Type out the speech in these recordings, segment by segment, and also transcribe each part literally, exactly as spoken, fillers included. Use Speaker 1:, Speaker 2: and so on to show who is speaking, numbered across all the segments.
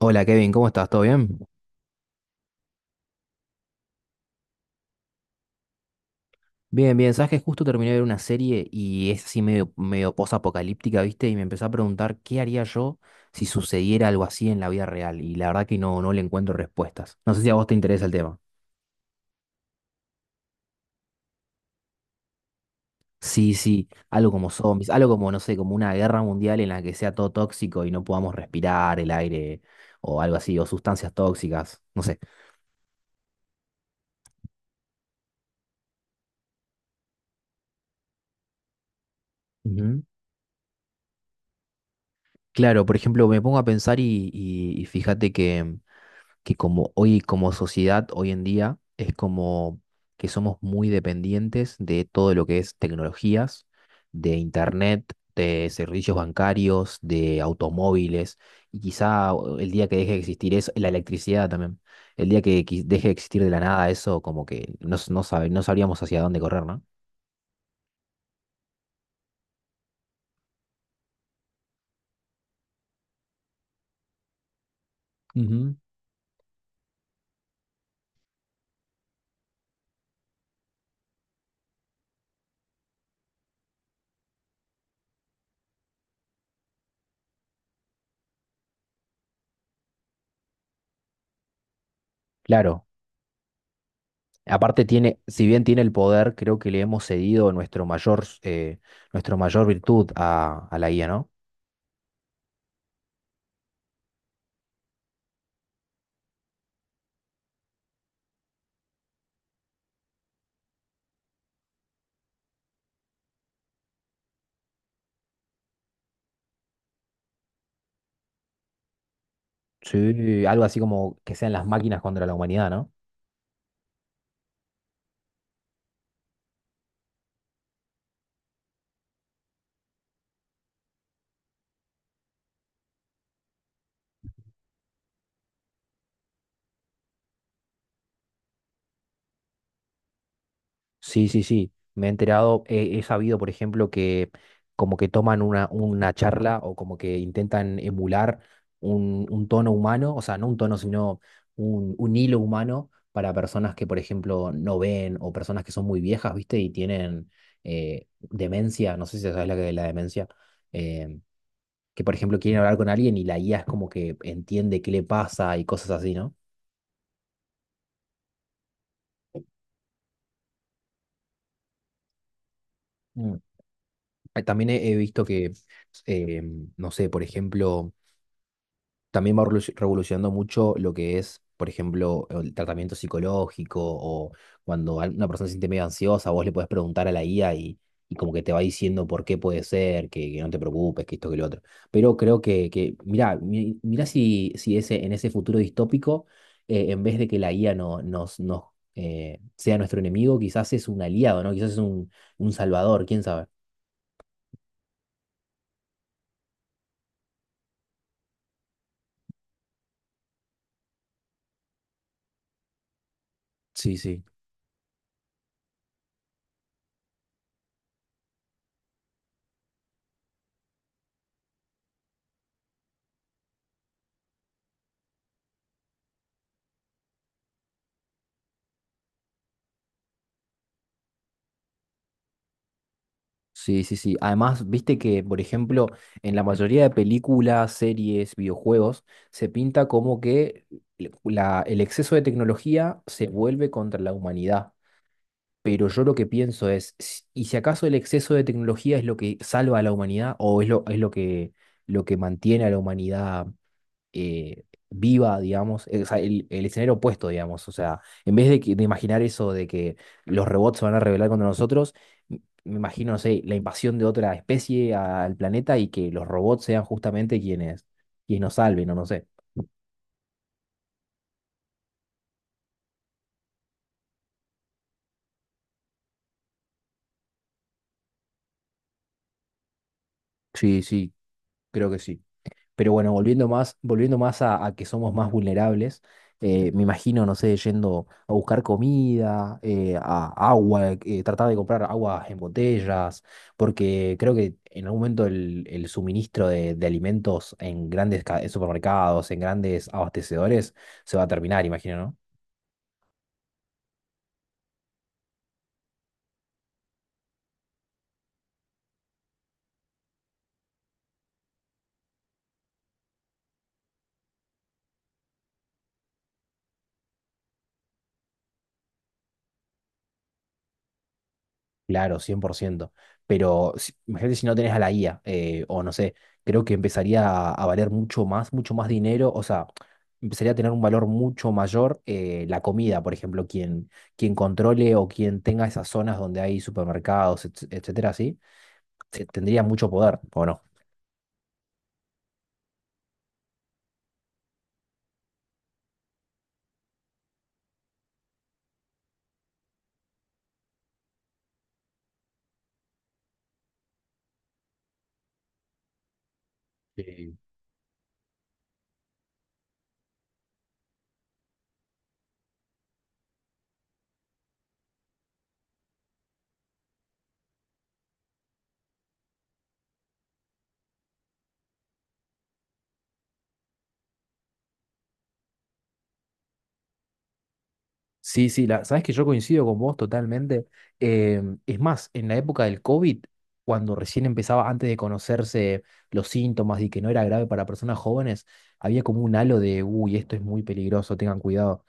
Speaker 1: Hola Kevin, ¿cómo estás? ¿Todo bien? Bien, bien. Sabes que justo terminé de ver una serie y es así medio, medio posapocalíptica, ¿viste? Y me empecé a preguntar qué haría yo si sucediera algo así en la vida real. Y la verdad que no, no le encuentro respuestas. No sé si a vos te interesa el tema. Sí, sí, algo como zombies, algo como, no sé, como una guerra mundial en la que sea todo tóxico y no podamos respirar el aire o algo así, o sustancias tóxicas, no sé. Ujú. Claro, por ejemplo, me pongo a pensar y, y y fíjate que. que como hoy, como sociedad, hoy en día, es como que somos muy dependientes de todo lo que es tecnologías, de internet, de servicios bancarios, de automóviles, y quizá el día que deje de existir eso, la electricidad también, el día que qui- deje de existir de la nada eso, como que no, s- no sabe- no sabríamos hacia dónde correr, ¿no? Ujú. Claro, aparte tiene, si bien tiene el poder, creo que le hemos cedido nuestro mayor, eh, nuestro mayor virtud a, a la I A, ¿no? Sí, algo así como que sean las máquinas contra la humanidad, ¿no? Sí, sí, sí. Me he enterado, he, he sabido, por ejemplo, que como que toman una, una charla o como que intentan emular un, un tono humano, o sea, no un tono, sino un, un hilo humano para personas que, por ejemplo, no ven o personas que son muy viejas, ¿viste? Y tienen eh, demencia, no sé si sabes la que la demencia, eh, que, por ejemplo, quieren hablar con alguien y la guía es como que entiende qué le pasa y cosas así, ¿no? Eh, También he he visto que, eh, no sé, por ejemplo, también va revolu- revolucionando mucho lo que es, por ejemplo, el tratamiento psicológico o cuando al- una persona se siente medio ansiosa, vos le podés preguntar a la I A y, y como que te va diciendo por qué puede ser, que, que no te preocupes, que esto, que lo otro. Pero creo que, que mirá, mi- mirá si, si ese, en ese futuro distópico, eh, en vez de que la I A no, nos, nos, eh, sea nuestro enemigo, quizás es un aliado, ¿no? Quizás es un, un salvador, quién sabe. Sí, sí. Sí, sí, sí. Además, viste que, por ejemplo, en la mayoría de películas, series, videojuegos, se pinta como que l- la- el exceso de tecnología se vuelve contra la humanidad. Pero yo lo que pienso es, s- ¿y si acaso el exceso de tecnología es lo que salva a la humanidad o es lo, es lo que, lo que mantiene a la humanidad eh, viva, digamos, eh, o sea, el, el escenario opuesto, digamos? O sea, en vez de, que- de imaginar eso de que los robots se van a rebelar contra nosotros, m- me imagino, no sé, la invasión de otra especie a- al planeta y que los robots sean justamente quienes, quienes nos salven, o no sé. Sí, sí, creo que sí. Pero bueno, volviendo más, volviendo más a, a que somos más vulnerables, eh, me imagino, no sé, yendo a buscar comida, eh, a agua, eh, tratar de comprar aguas en botellas, porque creo que en algún momento el, el suministro de, de alimentos en grandes ca- supermercados, en grandes abastecedores, se va a terminar, imagino, ¿no? Claro, cien por ciento. Pero si- imagínate si no tenés a la I A, eh, o no sé, creo que empezaría a, a valer mucho más, mucho más dinero, o sea, empezaría a tener un valor mucho mayor eh, la comida, por ejemplo, quien, quien controle o quien tenga esas zonas donde hay supermercados, etc- etcétera, así, eh, tendría mucho poder, ¿o no? Sí, sí, la, sabes que yo coincido con vos totalmente. Eh, es más, en la época del COVID, cuando recién empezaba, antes de conocerse los síntomas y que no era grave para personas jóvenes, había como un halo de, uy, esto es muy peligroso, tengan cuidado.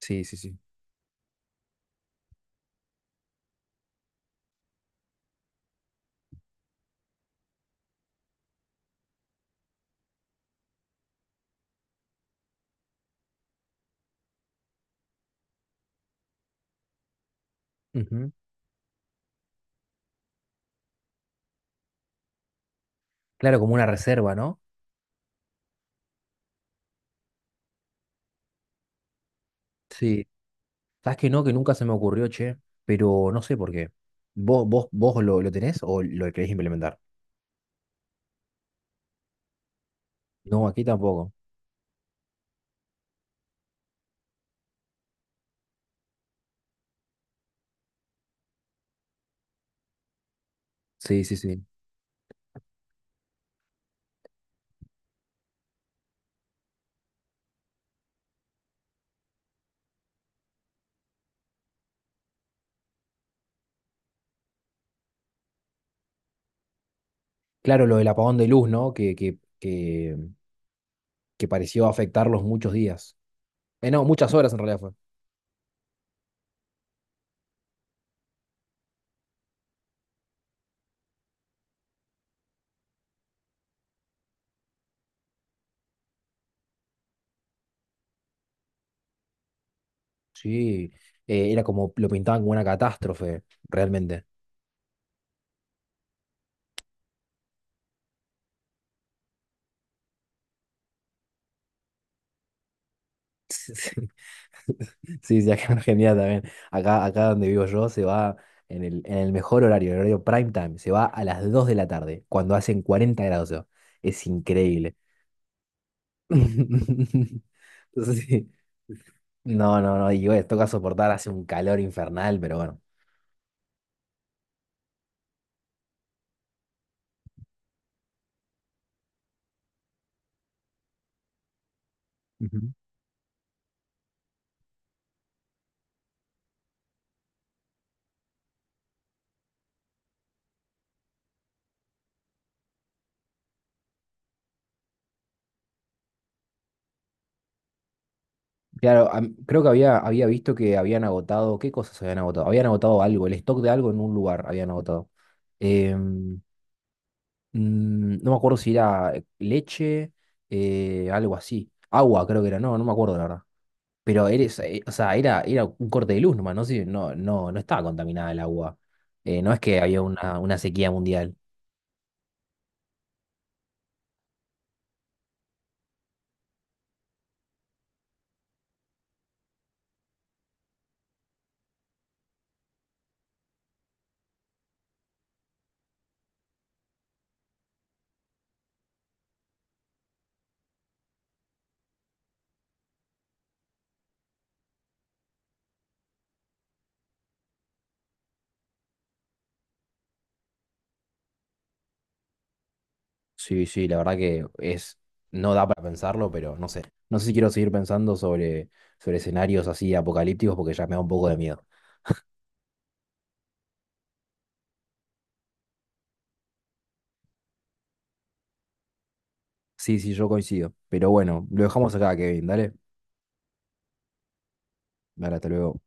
Speaker 1: Sí, sí, sí. Ujú. Claro, como una reserva, ¿no? Sí. ¿Sabes que no? Que nunca se me ocurrió, che, pero no sé por qué. ¿Vos, vos, vos lo, lo tenés o lo querés implementar? No, aquí tampoco. Sí, sí, sí. Claro, lo del apagón de luz, ¿no? Que, que, que que pareció afectarlos muchos días. Eh, no, muchas horas en realidad fue. Sí, eh, era como lo pintaban como una catástrofe, realmente. Sí, sí, sí, acá en Argentina también. Acá, acá donde vivo yo se va en el, en el mejor horario, el horario prime time. Se va a las dos de la tarde, cuando hacen cuarenta grados. O sea, es increíble. Entonces, sí. No, no, no. Y bueno, toca soportar, hace un calor infernal, pero bueno. Claro, am- creo que había, había visto que habían agotado, ¿qué cosas habían agotado? Habían agotado algo, el stock de algo en un lugar habían agotado. Em, mm, no me acuerdo si era eh, leche, eh, algo así. Agua creo que era, no, no me acuerdo la verdad. Pero eres, eh, o sea, era, era un corte de luz nomás, no sé, no, no, no estaba contaminada el agua. Eh, no es que había una, una sequía mundial. Sí, sí, la verdad que es, no da para pensarlo, pero no sé. No sé si quiero seguir pensando sobre, sobre escenarios así apocalípticos porque ya me da un poco de miedo. Sí, sí, yo coincido. Pero bueno, lo dejamos acá, Kevin. Dale. Dale, hasta luego.